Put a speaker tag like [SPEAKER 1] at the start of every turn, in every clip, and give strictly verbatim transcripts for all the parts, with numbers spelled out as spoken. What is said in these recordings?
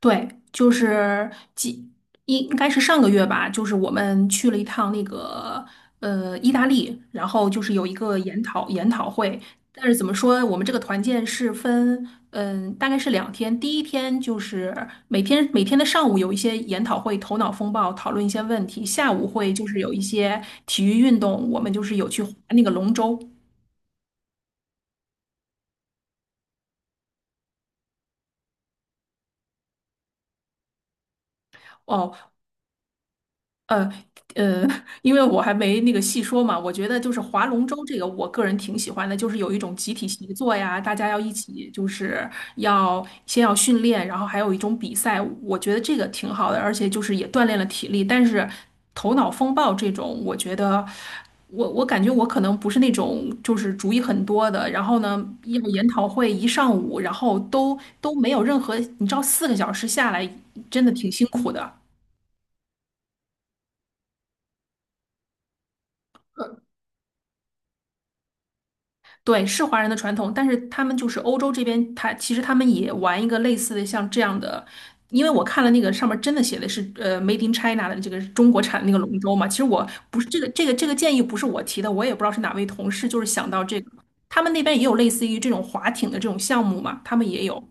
[SPEAKER 1] 对，就是几应该是上个月吧，就是我们去了一趟那个呃意大利，然后就是有一个研讨研讨会。但是怎么说，我们这个团建是分嗯，大概是两天。第一天就是每天每天的上午有一些研讨会，头脑风暴讨论一些问题；下午会就是有一些体育运动，我们就是有去划那个龙舟。哦，呃呃，因为我还没那个细说嘛，我觉得就是划龙舟这个，我个人挺喜欢的，就是有一种集体协作呀，大家要一起，就是要先要训练，然后还有一种比赛，我觉得这个挺好的，而且就是也锻炼了体力，但是头脑风暴这种，我觉得我我感觉我可能不是那种就是主意很多的，然后呢，要研讨会一上午，然后都都没有任何，你知道四个小时下来真的挺辛苦的。对，是华人的传统，但是他们就是欧洲这边，他其实他们也玩一个类似的像这样的，因为我看了那个上面真的写的是呃 "Made in China" 的这个中国产的那个龙舟嘛。其实我不是这个这个这个建议不是我提的，我也不知道是哪位同事就是想到这个，他们那边也有类似于这种划艇的这种项目嘛，他们也有。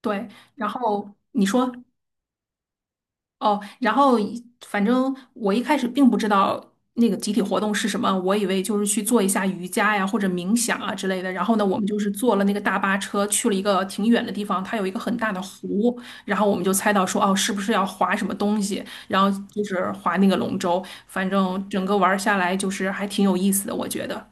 [SPEAKER 1] 对，然后你说。哦，然后一反正我一开始并不知道那个集体活动是什么，我以为就是去做一下瑜伽呀或者冥想啊之类的。然后呢，我们就是坐了那个大巴车去了一个挺远的地方，它有一个很大的湖，然后我们就猜到说哦，是不是要划什么东西？然后就是划那个龙舟，反正整个玩儿下来就是还挺有意思的，我觉得。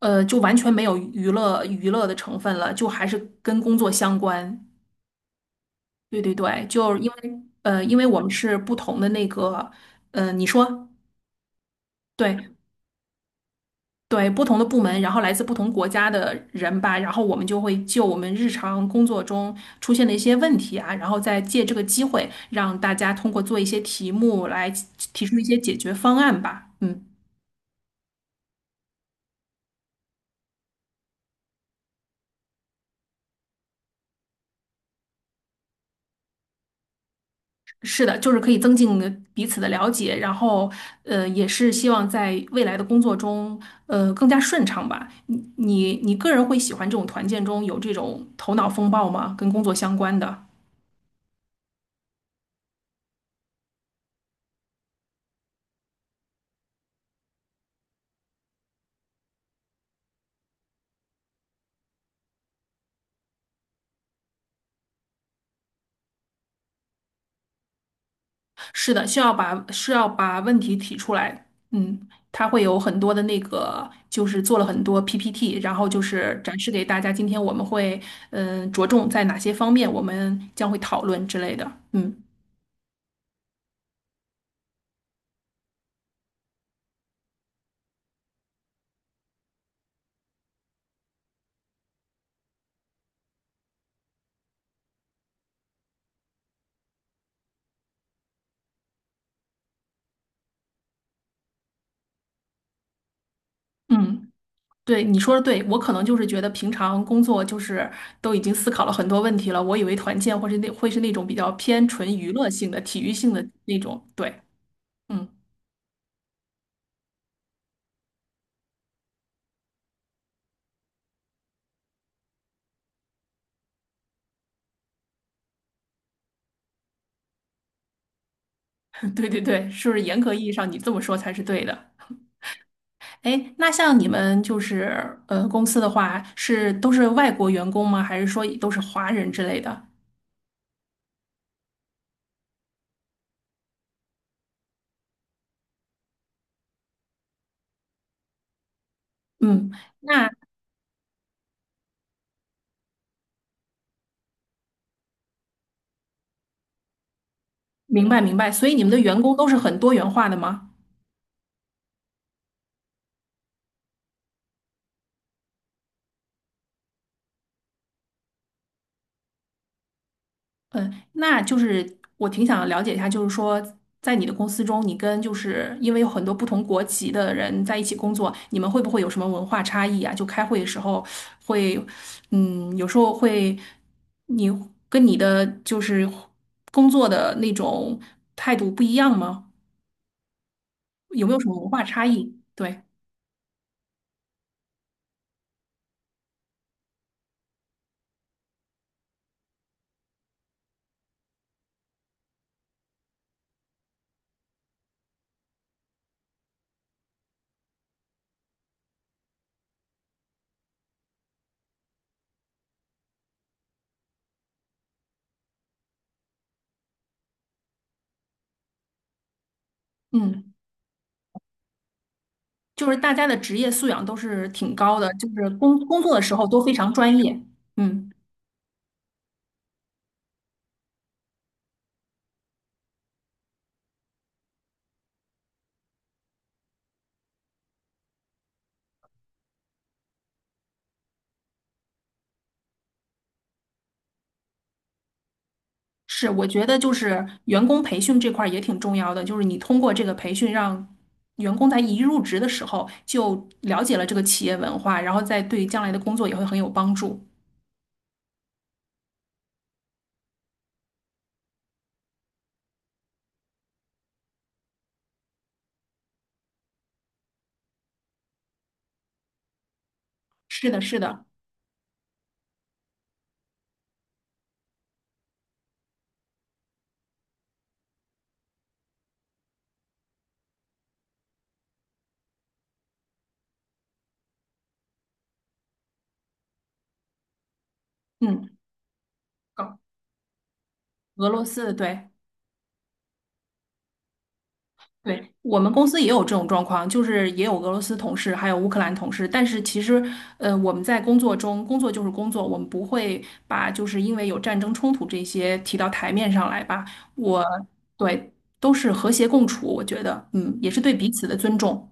[SPEAKER 1] 呃，就完全没有娱乐娱乐的成分了，就还是跟工作相关。对对对，就是因为呃，因为我们是不同的那个，呃，你说对对，不同的部门，然后来自不同国家的人吧，然后我们就会就我们日常工作中出现的一些问题啊，然后再借这个机会让大家通过做一些题目来提出一些解决方案吧。嗯。是的，就是可以增进彼此的了解，然后，呃，也是希望在未来的工作中，呃，更加顺畅吧。你你你个人会喜欢这种团建中有这种头脑风暴吗？跟工作相关的，是的，需要把是要把问题提出来，嗯，他会有很多的那个，就是做了很多 P P T，然后就是展示给大家，今天我们会，嗯、着重在哪些方面，我们将会讨论之类的，嗯嗯。对，你说的对，我可能就是觉得平常工作就是都已经思考了很多问题了，我以为团建或是那会是那种比较偏纯娱乐性的、体育性的那种。对，嗯，对对对，是不是严格意义上你这么说才是对的？哎，那像你们就是呃公司的话，是都是外国员工吗？还是说都是华人之类的？嗯，那明白明白，所以你们的员工都是很多元化的吗？嗯，那就是我挺想了解一下，就是说，在你的公司中，你跟就是因为有很多不同国籍的人在一起工作，你们会不会有什么文化差异啊？就开会的时候会，嗯，有时候会，你跟你的就是工作的那种态度不一样吗？有没有什么文化差异？对，嗯，就是大家的职业素养都是挺高的，就是工工作的时候都非常专业。嗯。是，我觉得就是员工培训这块儿也挺重要的，就是你通过这个培训，让员工在一入职的时候就了解了这个企业文化，然后再对将来的工作也会很有帮助。是的，是的，嗯，搞俄罗斯的，对。对，我们公司也有这种状况，就是也有俄罗斯同事，还有乌克兰同事。但是其实，呃，我们在工作中，工作就是工作，我们不会把就是因为有战争冲突这些提到台面上来吧。我，对，都是和谐共处，我觉得，嗯，也是对彼此的尊重。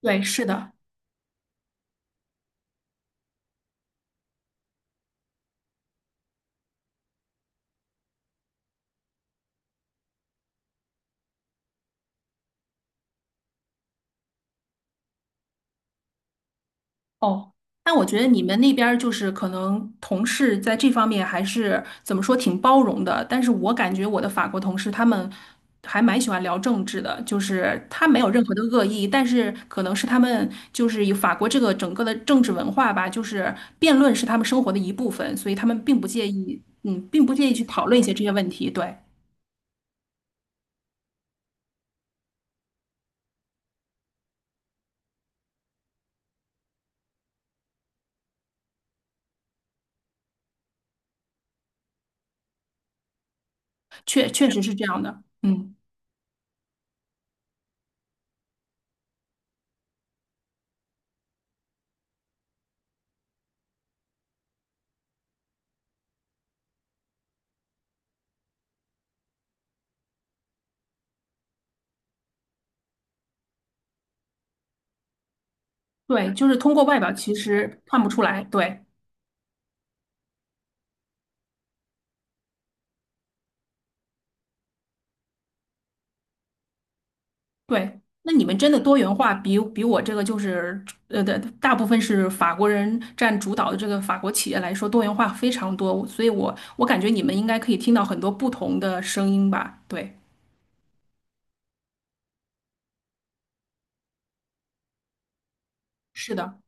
[SPEAKER 1] 对，是的。哦，那我觉得你们那边儿就是可能同事在这方面还是怎么说挺包容的，但是我感觉我的法国同事他们还蛮喜欢聊政治的，就是他没有任何的恶意，但是可能是他们就是以法国这个整个的政治文化吧，就是辩论是他们生活的一部分，所以他们并不介意，嗯，并不介意去讨论一些这些问题。对，确确实是这样的，嗯，对，就是通过外表其实看不出来，对。对，那你们真的多元化比比我这个就是呃的大部分是法国人占主导的这个法国企业来说，多元化非常多，所以我我感觉你们应该可以听到很多不同的声音吧？对，是的，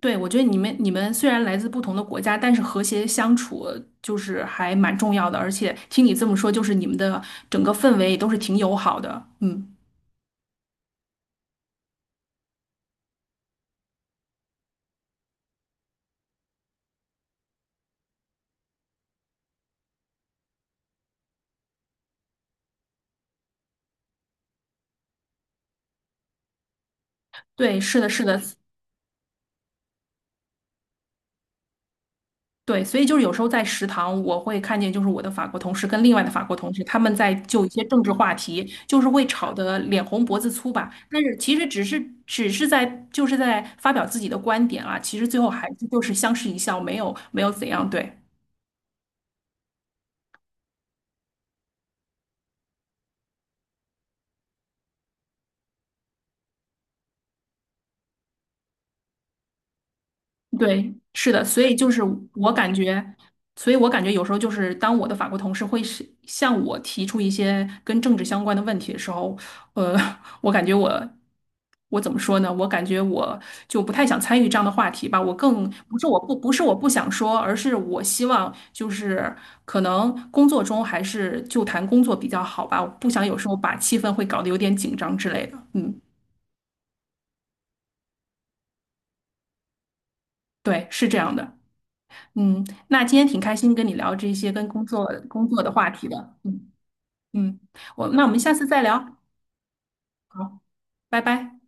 [SPEAKER 1] 对，我觉得你们你们虽然来自不同的国家，但是和谐相处就是还蛮重要的，而且听你这么说，就是你们的整个氛围也都是挺友好的，嗯，对，是的，是的，对，所以就是有时候在食堂，我会看见就是我的法国同事跟另外的法国同事，他们在就一些政治话题，就是会吵得脸红脖子粗吧。但是其实只是只是在就是在发表自己的观点啊，其实最后还是就是相视一笑，没有没有怎样。对，对，是的，所以就是我感觉，所以我感觉有时候就是当我的法国同事会是向我提出一些跟政治相关的问题的时候，呃，我感觉我我怎么说呢？我感觉我就不太想参与这样的话题吧。我更不是我不不是我不想说，而是我希望就是可能工作中还是就谈工作比较好吧。我不想有时候把气氛会搞得有点紧张之类的。嗯，对，是这样的。嗯，那今天挺开心跟你聊这些跟工作工作的话题的。嗯嗯，我那我们下次再聊。好，拜拜。